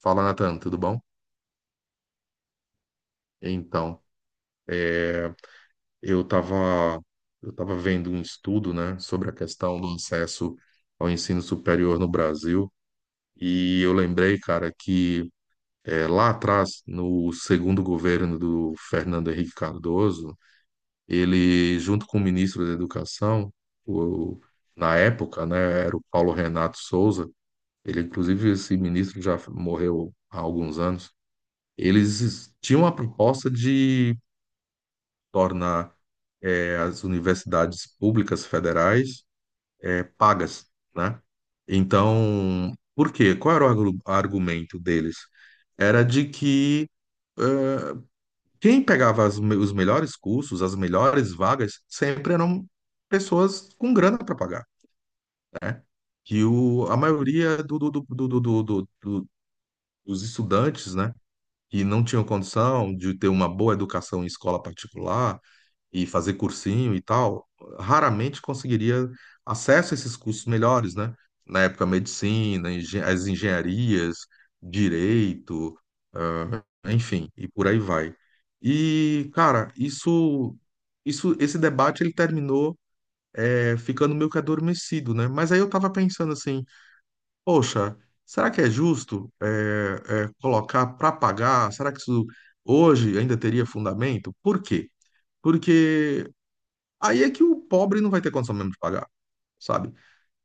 Fala, Nathan, tudo bom? Então, eu estava eu tava vendo um estudo, né, sobre a questão do acesso ao ensino superior no Brasil, e eu lembrei, cara, que lá atrás, no segundo governo do Fernando Henrique Cardoso, ele, junto com o ministro da Educação, o, na época, né, era o Paulo Renato Souza. Ele, inclusive, esse ministro já morreu há alguns anos. Eles tinham a proposta de tornar as universidades públicas federais pagas, né? Então, por quê? Qual era o argumento deles? Era de que quem pegava as os melhores cursos, as melhores vagas, sempre eram pessoas com grana para pagar, né? Que o, a maioria dos estudantes, né? Que não tinham condição de ter uma boa educação em escola particular, e fazer cursinho e tal, raramente conseguiria acesso a esses cursos melhores, né? Na época, medicina, as engenharias, direito, ah, enfim, e por aí vai. E, cara, isso, esse debate ele terminou é, ficando meio que adormecido, né? Mas aí eu tava pensando assim, poxa, será que é justo colocar para pagar? Será que isso hoje ainda teria fundamento? Por quê? Porque aí é que o pobre não vai ter condição mesmo de pagar, sabe?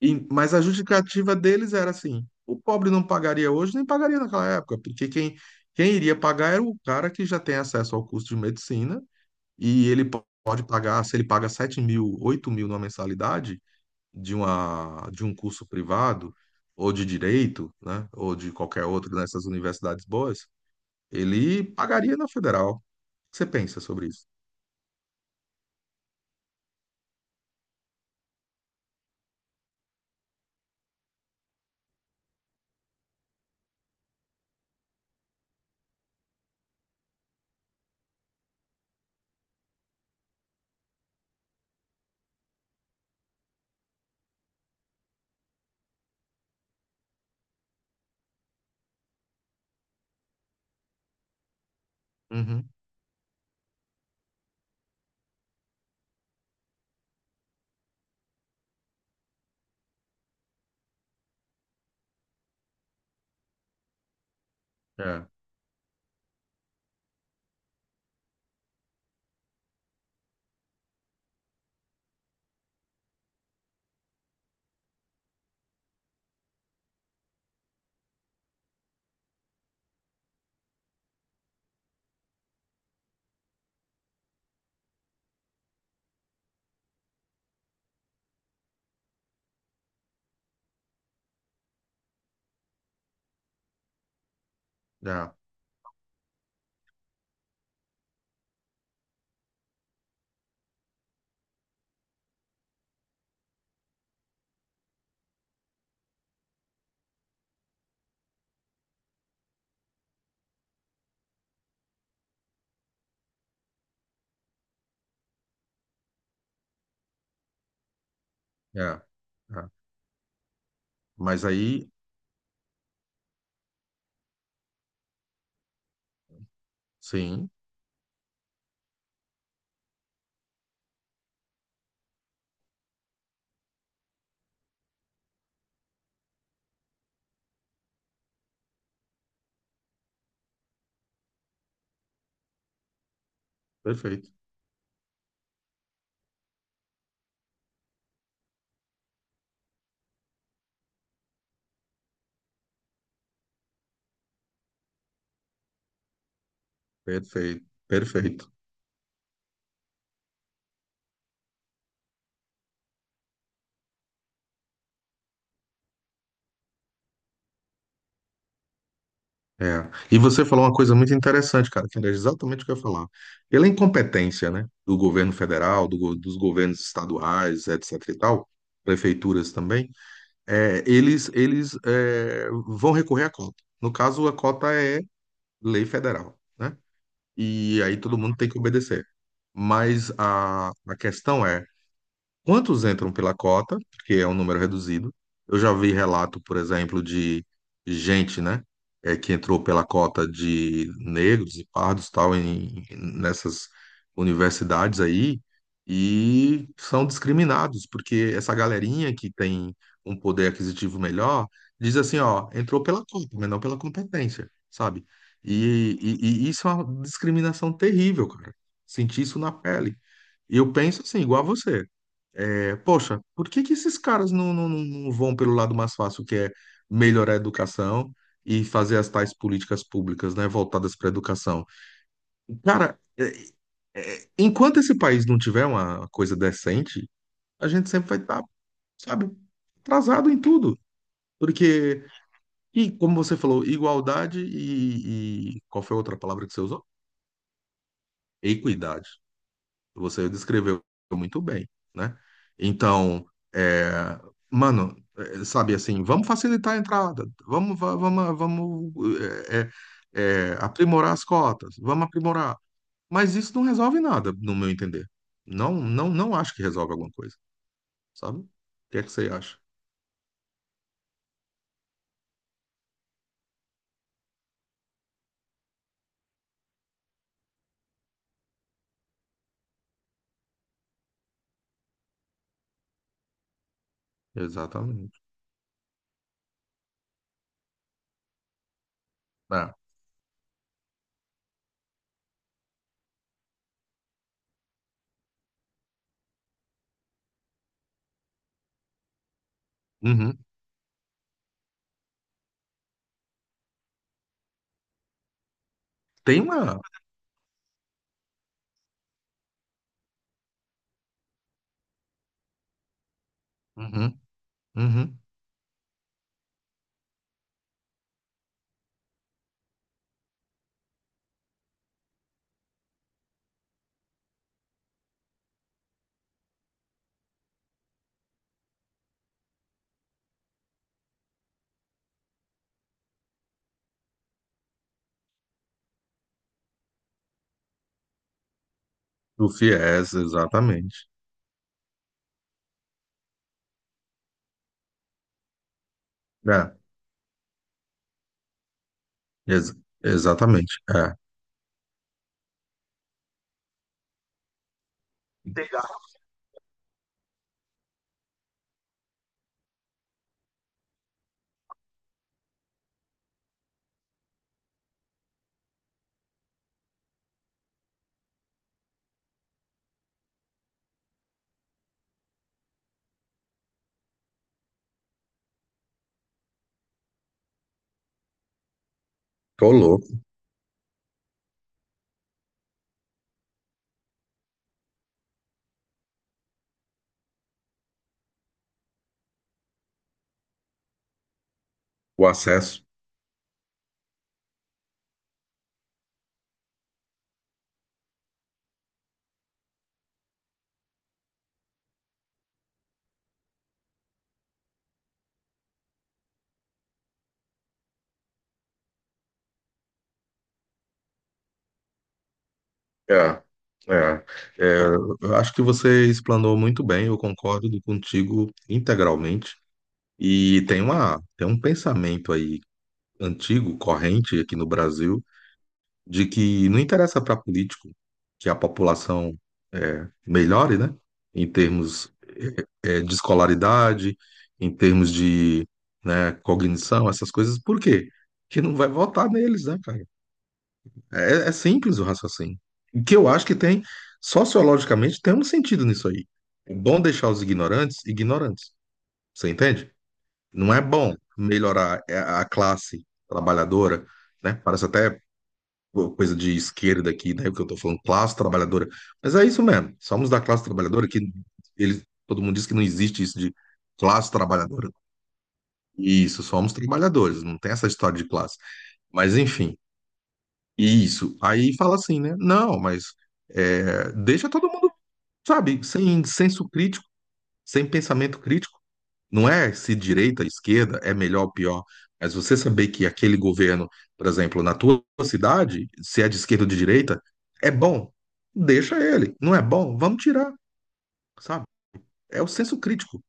E- mas a justificativa deles era assim: o pobre não pagaria hoje, nem pagaria naquela época, porque quem iria pagar era o cara que já tem acesso ao curso de medicina, e ele pode pagar, se ele paga 7 mil, 8 mil numa mensalidade de um curso privado, ou de direito, né? Ou de qualquer outro nessas universidades boas, ele pagaria na federal. O que você pensa sobre isso? Uhum. É, é, é. É. Mas aí sim, perfeito, perfeito, perfeito. É. E você falou uma coisa muito interessante, cara, que era exatamente o que eu ia falar. Pela incompetência, né, do governo federal, dos governos estaduais, etc e tal, prefeituras também, eles é, vão recorrer à cota. No caso, a cota é lei federal, né? E aí todo mundo tem que obedecer. Mas a questão é: quantos entram pela cota, que é um número reduzido? Eu já vi relato, por exemplo, de gente, né, é, que entrou pela cota de negros e pardos, tal, em, nessas universidades aí, e são discriminados, porque essa galerinha que tem um poder aquisitivo melhor diz assim, ó, entrou pela cota, mas não pela competência, sabe? E isso é uma discriminação terrível, cara. Senti isso na pele. E eu penso assim, igual a você. É, poxa, por que que esses caras não vão pelo lado mais fácil, que é melhorar a educação e fazer as tais políticas públicas, né, voltadas para a educação? Cara, é, enquanto esse país não tiver uma coisa decente, a gente sempre vai estar, sabe, atrasado em tudo. Porque, e como você falou, igualdade e qual foi a outra palavra que você usou? Equidade. Você descreveu muito bem, né? Então, é, mano, é, sabe assim, vamos facilitar a entrada, vamos, é, é, aprimorar as cotas, vamos aprimorar. Mas isso não resolve nada, no meu entender. Não acho que resolve alguma coisa, sabe? O que é que você acha? Exatamente. É. Uhum. Tem uma. Uhum. Uhum. O FIES, exatamente. É. Ex- exatamente. É. Tô louco. O acesso. É, é, é, eu acho que você explanou muito bem, eu concordo contigo integralmente. E tem tem um pensamento aí antigo, corrente aqui no Brasil, de que não interessa para político que a população é, melhore, né? Em termos é, de escolaridade, em termos de, né, cognição, essas coisas. Por quê? Porque não vai votar neles, né, cara? É simples o raciocínio. O que eu acho que tem, sociologicamente, tem um sentido nisso aí. É bom deixar os ignorantes ignorantes. Você entende? Não é bom melhorar a classe trabalhadora, né? Parece até coisa de esquerda aqui, né? O que eu tô falando, classe trabalhadora. Mas é isso mesmo. Somos da classe trabalhadora que eles, todo mundo diz que não existe isso de classe trabalhadora. Isso, somos trabalhadores, não tem essa história de classe. Mas enfim. Isso. Aí fala assim, né? Não, mas é, deixa todo mundo, sabe, sem senso crítico, sem pensamento crítico. Não é se direita, esquerda, é melhor ou pior. Mas você saber que aquele governo, por exemplo, na tua cidade, se é de esquerda ou de direita, é bom, deixa ele. Não é bom, vamos tirar, sabe? É o senso crítico.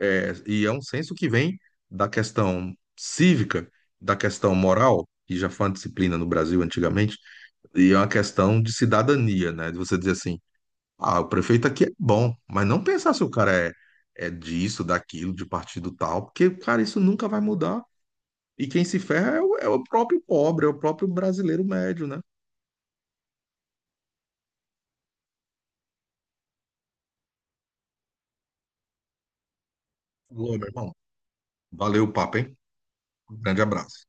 É, e é um senso que vem da questão cívica, da questão moral, que já foi uma disciplina no Brasil antigamente e é uma questão de cidadania, né? De você dizer assim, ah, o prefeito aqui é bom, mas não pensar se o cara é disso, daquilo, de partido tal, porque, cara, isso nunca vai mudar. E quem se ferra é é o próprio pobre, é o próprio brasileiro médio, né? Ô, meu irmão, valeu o papo, hein? Um grande abraço.